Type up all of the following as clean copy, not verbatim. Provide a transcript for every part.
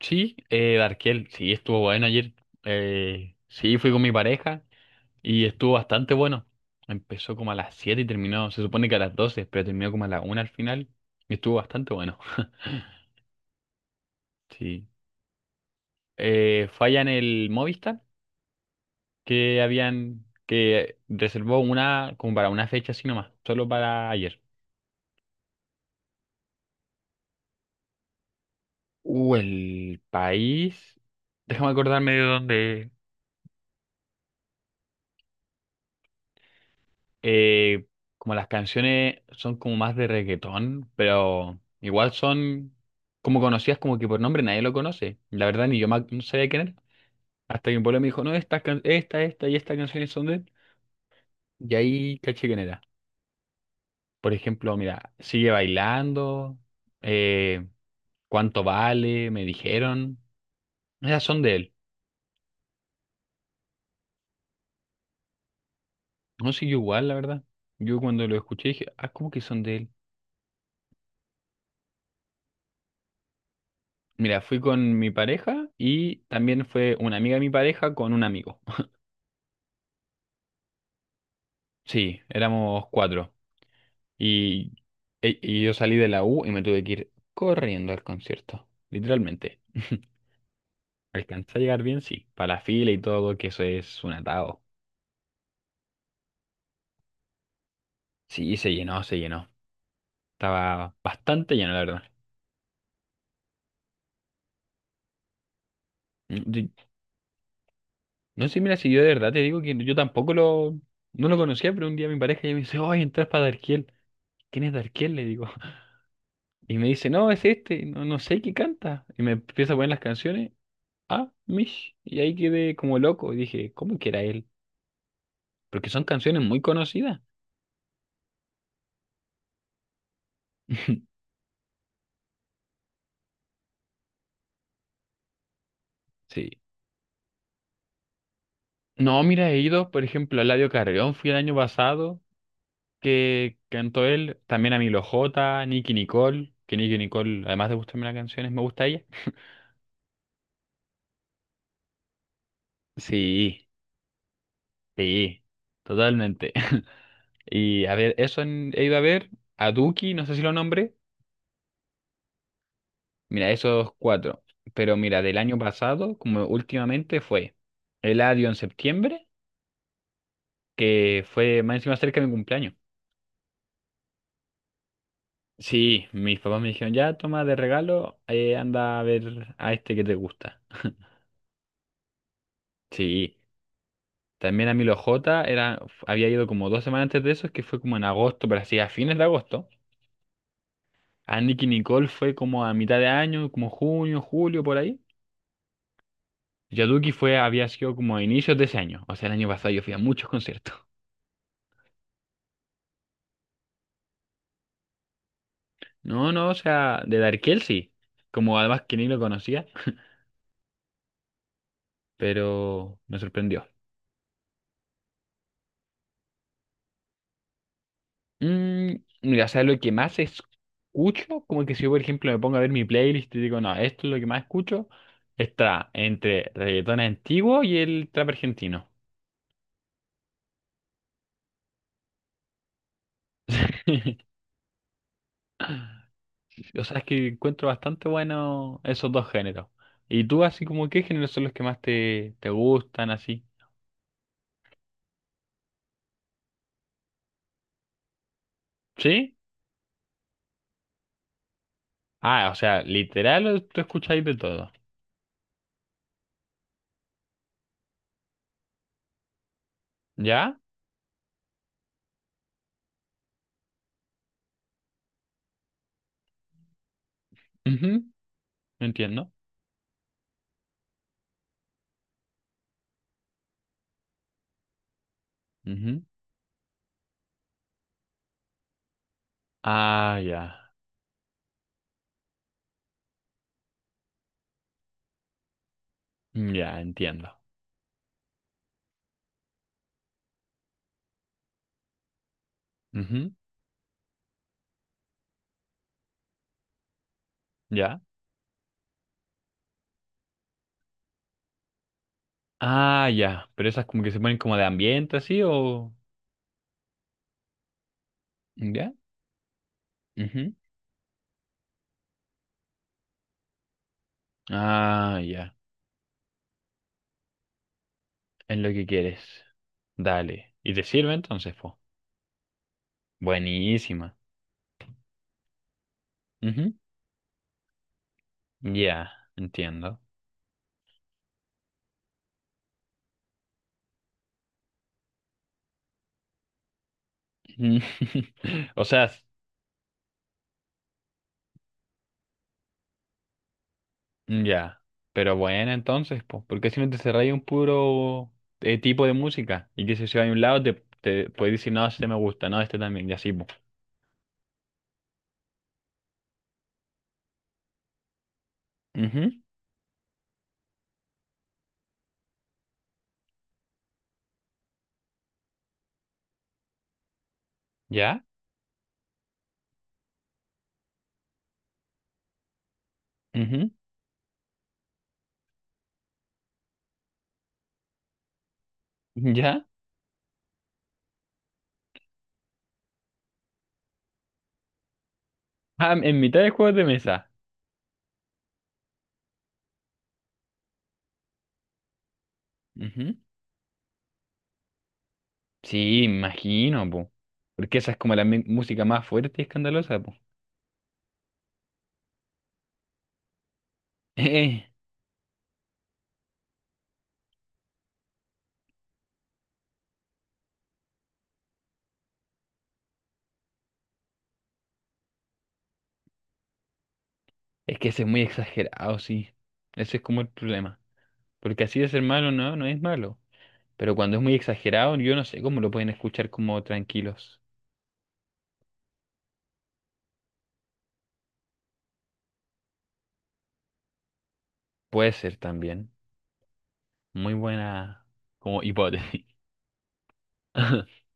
Sí, Darkel, sí, estuvo bueno ayer. Sí, fui con mi pareja y estuvo bastante bueno. Empezó como a las 7 y terminó, se supone que a las 12, pero terminó como a la 1 al final y estuvo bastante bueno. Sí. Falla en el Movistar que habían, que reservó una como para una fecha así nomás, solo para ayer. El país. Déjame acordarme de dónde. eh, Como las canciones son como más de reggaetón, pero igual son como conocidas como que por nombre nadie lo conoce. La verdad ni yo no sabía quién era. Hasta que un pueblo me dijo, no, esta, esta y esta canciones son de él. Y ahí caché quién era. Por ejemplo, mira, Sigue Bailando, eh, ¿Cuánto Vale? Me dijeron. Esas son de él. No sé, yo igual, la verdad. Yo cuando lo escuché dije, ah, ¿cómo que son de él? Mira, fui con mi pareja y también fue una amiga de mi pareja con un amigo. Sí, éramos cuatro. Y, y yo salí de la U y me tuve que ir corriendo al concierto, literalmente. Alcancé a llegar bien, sí, para la fila y todo, que eso es un atado. Sí, se llenó, se llenó. Estaba bastante lleno, la verdad. Mm. No sé, mira, si yo de verdad te digo que yo tampoco lo, no lo conocía, pero un día mi pareja ya me dice, ¡ay, entras para Darkiel! ¿Quién es Darkiel? Le digo. Y me dice, no, es este, no, no sé qué canta. Y me empieza a poner las canciones, ah, Mish. Y ahí quedé como loco. Y dije, ¿cómo que era él? Porque son canciones muy conocidas. Sí. No, mira, he ido, por ejemplo, a Eladio Carrión, fui el año pasado, que cantó él, también a Milo J, Nicky Nicole, que Nicky Nicole, además de gustarme las canciones, me gusta ella. Sí, sí, totalmente. Y a ver, eso he ido a ver, a Duki, no sé si lo nombré, mira, esos cuatro. Pero mira, del año pasado, como últimamente fue Eladio en septiembre. Que fue más encima cerca de mi cumpleaños. Sí, mis papás me dijeron, ya toma de regalo, anda a ver a este que te gusta. Sí, también a Milo J era, había ido como 2 semanas antes de eso, que fue como en agosto, pero así a fines de agosto. A Nicky Nicole fue como a mitad de año, como junio, julio, por ahí. Yaduki fue, había sido como a inicios de ese año, o sea, el año pasado yo fui a muchos conciertos. No, no, o sea, de Darkel sí, como además que ni lo conocía, pero me sorprendió. Mm, Mira, ¿sabes lo que más escucho? Como que si yo, por ejemplo, me pongo a ver mi playlist y digo, no, esto es lo que más escucho, está entre reggaetón antiguo y el trap argentino. O sea, es que encuentro bastante bueno esos dos géneros. ¿Y tú, así como, qué géneros son los que más te gustan, así? ¿Sí? Ah, o sea, literal, o tú escucháis de todo. ¿Ya? Ujú, entiendo. Ujú. Ah, ya. Ya, entiendo. Ujú, ya. Ah, ya. Pero esas como que se ponen como de ambiente así o... ¿Ya? Ujú. Ah, ya. Es lo que quieres. Dale. ¿Y te sirve entonces, po? Buenísima. Ujú. Ya, entiendo. Mm. O sea, ya. Pero bueno, entonces, po. Porque si no te cerráis un puro tipo de música. Y que si se va a un lado, te puedes decir, no, este me gusta, no, este también. Y así, po. Ujú. ¿Ya? Ujú. ¿Ya? Ah, en mitad de juegos de mesa. Ujú. Sí, imagino, po. Porque esa es como la música más fuerte y escandalosa, po. Eh, es que ese es muy exagerado, sí. Ese es como el problema. Porque así de ser malo, no, no es malo. Pero cuando es muy exagerado, yo no sé cómo lo pueden escuchar como tranquilos. Puede ser también. Muy buena como hipótesis.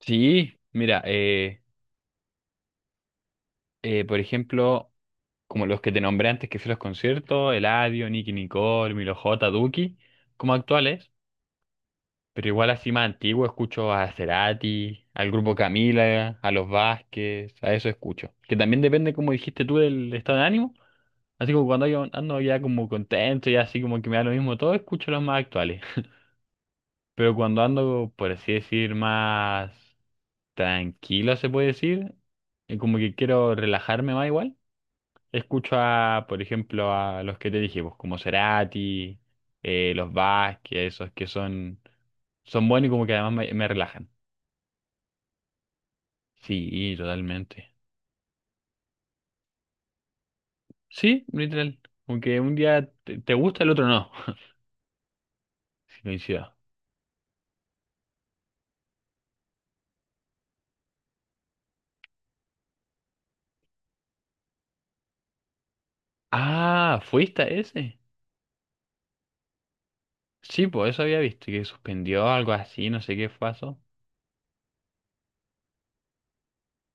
Sí, mira, por ejemplo, como los que te nombré antes que fui a los conciertos, Eladio, Nicky Nicole, Milo J, Duki, como actuales. Pero igual así más antiguo escucho a Cerati, al grupo Camila, a los Vázquez, a eso escucho. Que también depende, como dijiste tú, del estado de ánimo. Así como cuando yo ando ya como contento y así como que me da lo mismo todo, escucho los más actuales. Pero cuando ando, por así decir, más tranquilo, se puede decir, y como que quiero relajarme más igual, escucho a, por ejemplo, a los que te dije, pues, como Cerati, los Vázquez, esos que son, son buenos y como que además me relajan. Sí, totalmente. Sí, literal. Aunque un día te gusta, el otro no. Sí, coincido. Ah, ¿fuiste a ese? Sí, pues eso había visto, que suspendió algo así, no sé qué pasó.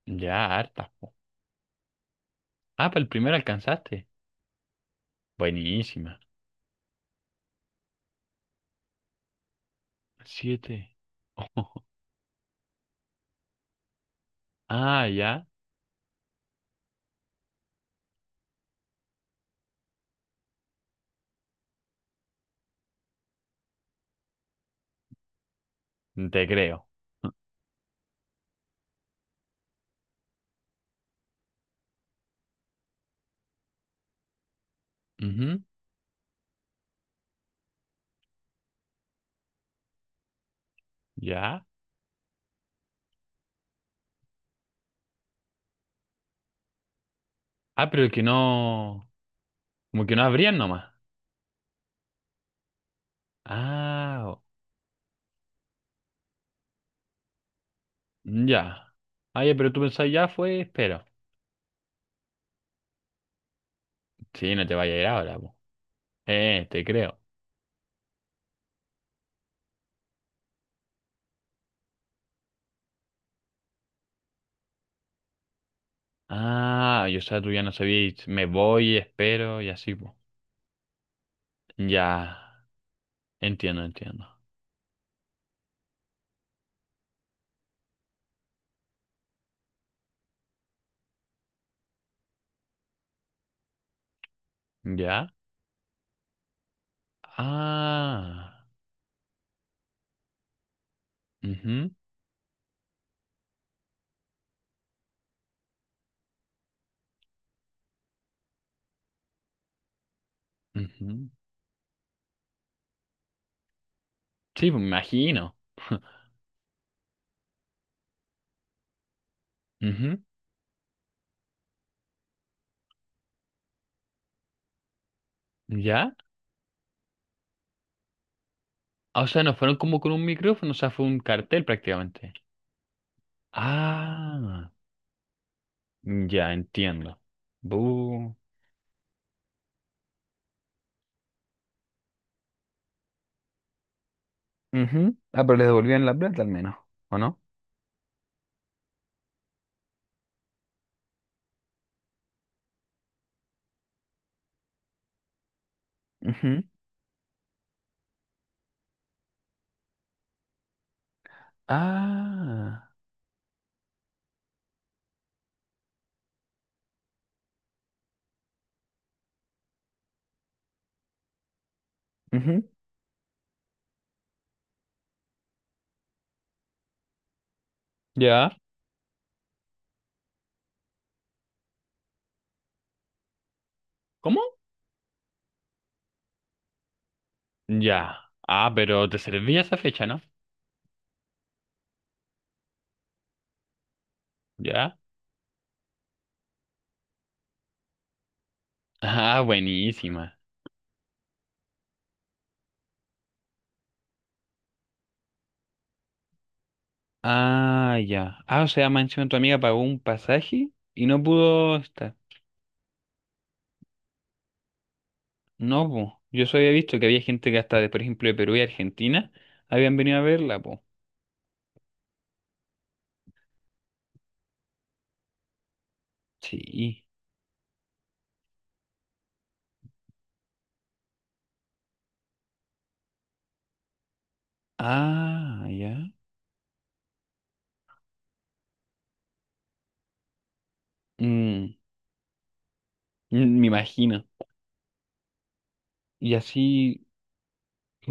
Ya, harta, po. Ah, para el primero alcanzaste. Buenísima. Siete. Ah, ya. Te creo. Ujú, ya. Ah, pero el que no. Como que no abrían nomás. Ah, o- ya. Ah, ya, pero tú pensás ya fue, espero. Sí, no te vaya a ir ahora, te creo. Ah, yo, o sea, tú ya no sabías, me voy, espero y así, pues. Ya, entiendo, entiendo. ¿Ya? Ah, mhm. Mhm. Sí, pues me imagino. Ujú, ¿ya? Ah, o sea, no fueron como con un micrófono, o sea, fue un cartel prácticamente. Ah, ya entiendo. Bu. Ujú. Ah, pero les devolvían la plata al menos, ¿o no? Ujú. Ah, ujú. ¿Ya? ¿Cómo? Ya. Ah, pero te servía esa fecha, ¿no? Ya. Ah, buenísima. Ah, ya. Ah, o sea, mansión, tu amiga pagó un pasaje y no pudo estar. No, po. Yo solo había visto que había gente que hasta, de, por ejemplo, de Perú y Argentina habían venido a verla, po. Sí. Ah, ya. Mm, mm, me imagino. Y así,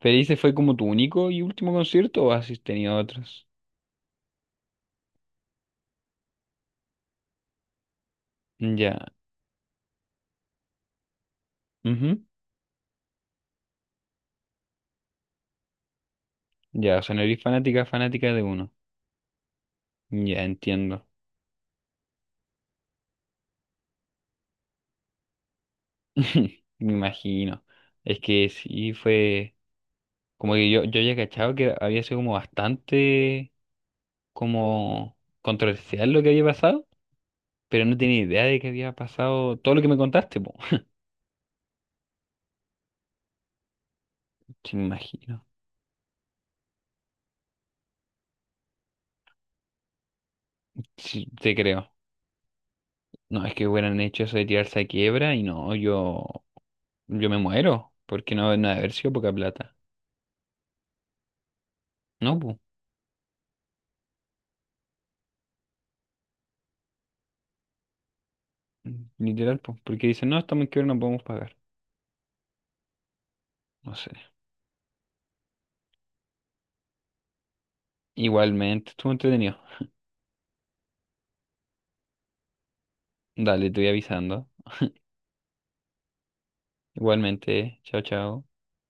¿pero ese fue como tu único y último concierto o has tenido otros? Ya. Ujú. Ya, o sea, no eres fanática, fanática de uno. Ya, entiendo. Me imagino. Es que sí fue como que yo había cachado que había sido como bastante como controversial lo que había pasado, pero no tenía idea de que había pasado todo lo que me contaste, po. Sí, me imagino. Sí, te creo. No, es que hubieran hecho eso de tirarse a quiebra y no, yo me muero, porque no, no ha de haber sido poca plata. No, pues, literal, pues, porque dicen, no, estamos en quiebra, no podemos pagar. No sé. Igualmente, estuvo entretenido. Dale, te voy avisando. Igualmente, chao, chao.